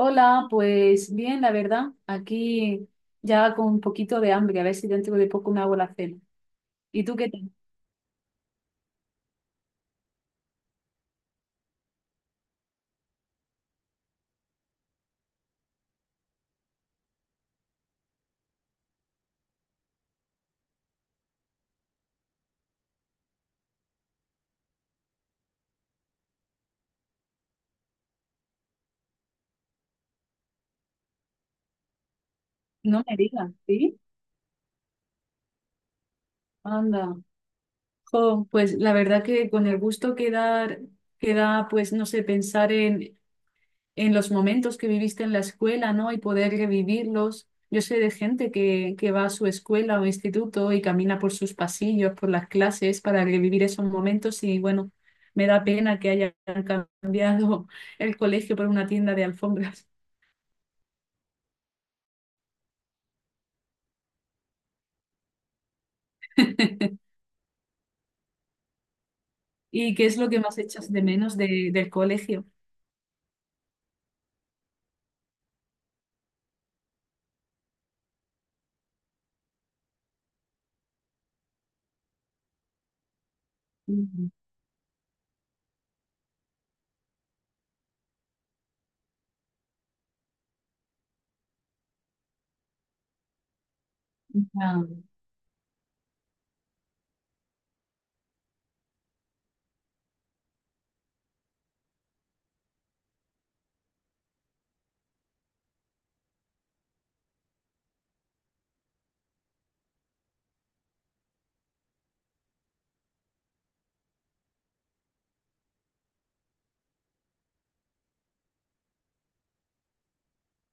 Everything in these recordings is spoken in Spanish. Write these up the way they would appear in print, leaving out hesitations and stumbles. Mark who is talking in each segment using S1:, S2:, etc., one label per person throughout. S1: Hola, pues bien, la verdad, aquí ya con un poquito de hambre, a ver si dentro de poco me hago la cena. ¿Y tú qué tal? No me digas, ¿sí? Anda. Jo, pues la verdad que con el gusto que da, pues no sé, pensar en los momentos que viviste en la escuela, ¿no? Y poder revivirlos. Yo sé de gente que va a su escuela o instituto y camina por sus pasillos, por las clases, para revivir esos momentos y bueno, me da pena que hayan cambiado el colegio por una tienda de alfombras. ¿Y qué es lo que más echas de menos del colegio? Ujú. Ah,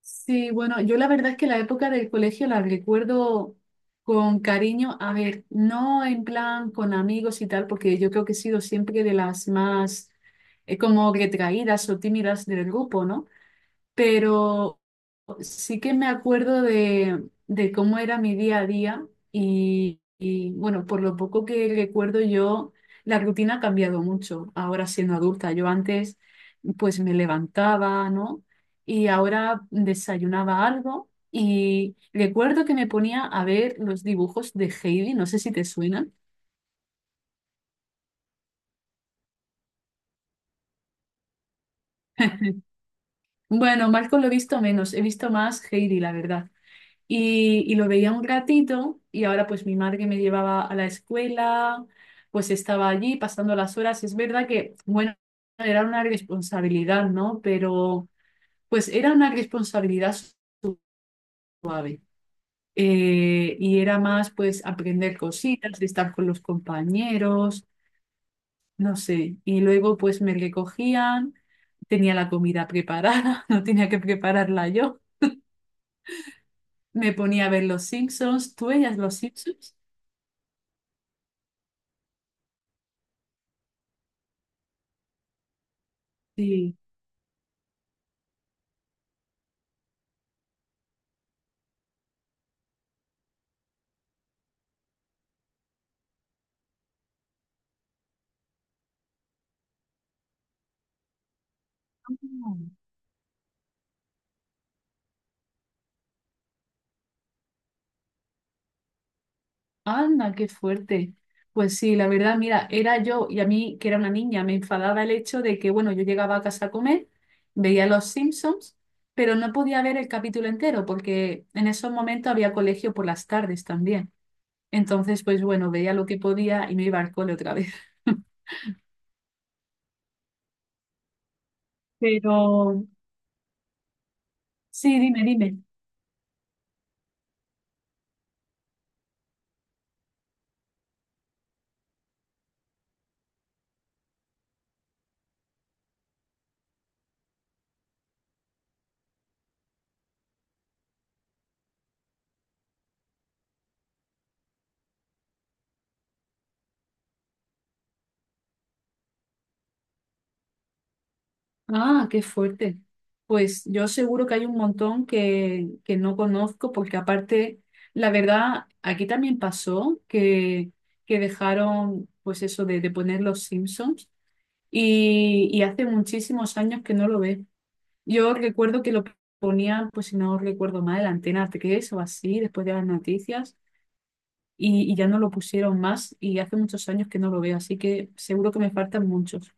S1: sí, bueno, yo la verdad es que la época del colegio la recuerdo con cariño, a ver, no en plan con amigos y tal, porque yo creo que he sido siempre de las más como retraídas o tímidas del grupo, ¿no? Pero sí que me acuerdo de cómo era mi día a día y, bueno, por lo poco que recuerdo yo, la rutina ha cambiado mucho ahora siendo adulta. Yo antes pues me levantaba, ¿no? Y ahora desayunaba algo y recuerdo que me ponía a ver los dibujos de Heidi, no sé si te suenan. Bueno, Marco lo he visto menos, he visto más Heidi, la verdad. Y, y lo veía un ratito y ahora pues mi madre me llevaba a la escuela, pues estaba allí pasando las horas. Es verdad que, bueno, era una responsabilidad, ¿no? Pero pues era una responsabilidad suave. Y era más pues aprender cositas, de estar con los compañeros, no sé. Y luego pues me recogían, tenía la comida preparada, no tenía que prepararla yo. Me ponía a ver los Simpsons. ¿Tú veías los Simpsons? Sí. Anda, qué fuerte. Pues sí, la verdad, mira, era yo y a mí, que era una niña, me enfadaba el hecho de que, bueno, yo llegaba a casa a comer, veía Los Simpsons, pero no podía ver el capítulo entero porque en esos momentos había colegio por las tardes también. Entonces, pues bueno, veía lo que podía y me iba al cole otra vez. Pero sí, dime. Ah, qué fuerte. Pues yo seguro que hay un montón que no conozco, porque aparte, la verdad, aquí también pasó que dejaron, pues eso de poner los Simpsons y hace muchísimos años que no lo ve. Yo recuerdo que lo ponían, pues si no recuerdo mal, en Antena 3 o así, después de las noticias, y ya no lo pusieron más y hace muchos años que no lo veo, así que seguro que me faltan muchos.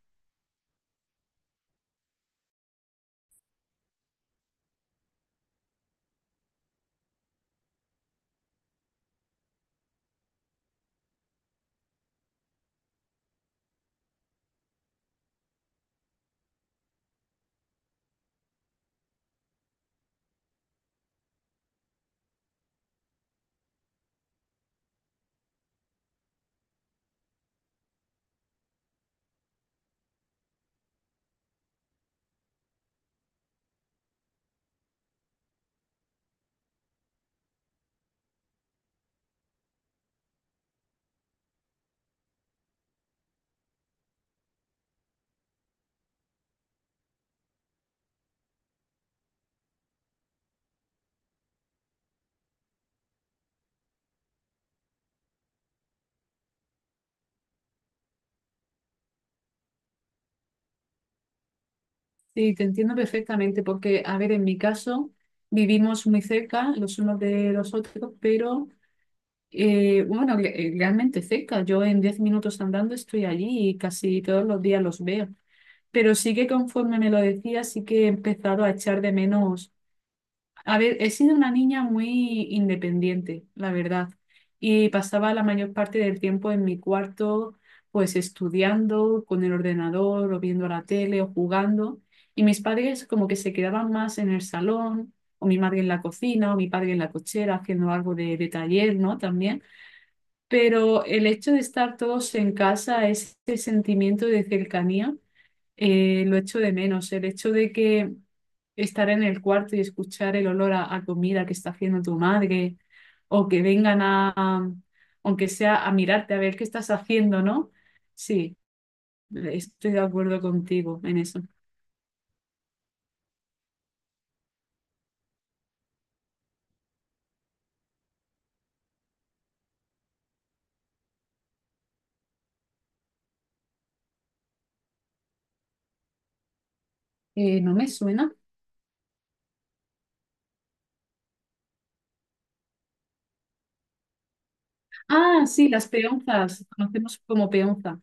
S1: Sí, te entiendo perfectamente porque, a ver, en mi caso vivimos muy cerca los unos de los otros, pero realmente cerca. Yo en 10 minutos andando estoy allí y casi todos los días los veo. Pero sí que conforme me lo decía, sí que he empezado a echar de menos, a ver, he sido una niña muy independiente, la verdad, y pasaba la mayor parte del tiempo en mi cuarto, pues estudiando con el ordenador o viendo la tele o jugando, y mis padres como que se quedaban más en el salón, o mi madre en la cocina, o mi padre en la cochera haciendo algo de taller, ¿no? También, pero el hecho de estar todos en casa, ese sentimiento de cercanía lo echo de menos. El hecho de que estar en el cuarto y escuchar el olor a comida que está haciendo tu madre, o que vengan aunque sea a mirarte, a ver qué estás haciendo, ¿no? Sí, estoy de acuerdo contigo en eso. No me suena. Ah, sí, las peonzas, conocemos como peonza.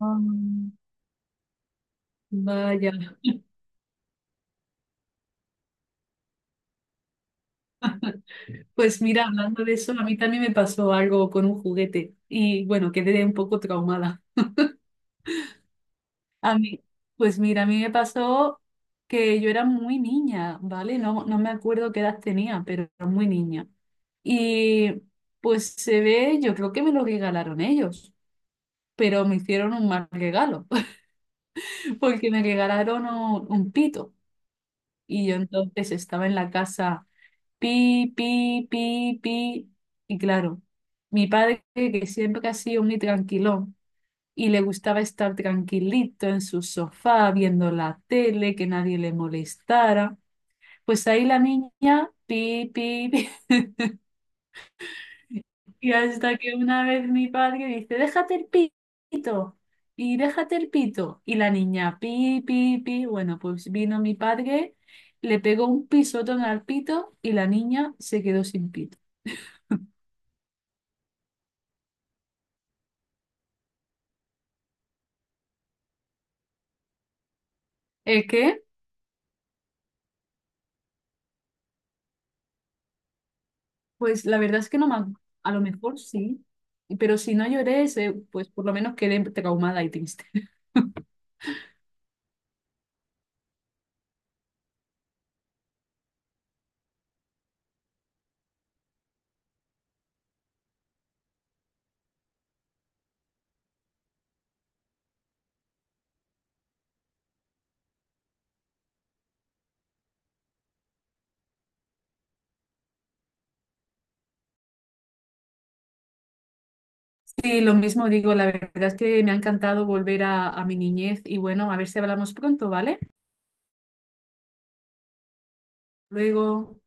S1: Ah, vaya. Pues mira, hablando de eso, a mí también me pasó algo con un juguete y bueno, quedé un poco traumada. A mí, pues mira, a mí me pasó que yo era muy niña, ¿vale? No, no me acuerdo qué edad tenía, pero era muy niña. Y pues se ve, yo creo que me lo regalaron ellos, pero me hicieron un mal regalo, porque me regalaron un pito. Y yo entonces estaba en la casa, pi, pi, pi, pi. Y claro, mi padre, que siempre que ha sido muy tranquilón, y le gustaba estar tranquilito en su sofá viendo la tele, que nadie le molestara. Pues ahí la niña, pi, pi, pi, y hasta que una vez mi padre dice, déjate el pito, y déjate el pito, y la niña, pi, pi, pi, bueno, pues vino mi padre, le pegó un pisotón al pito y la niña se quedó sin pito. ¿Es que? Pues la verdad es que no me, ac- a lo mejor sí, pero si no lloré, se- pues por lo menos quedé traumada y triste. Sí, lo mismo digo, la verdad es que me ha encantado volver a mi niñez y bueno, a ver si hablamos pronto, ¿vale? Luego.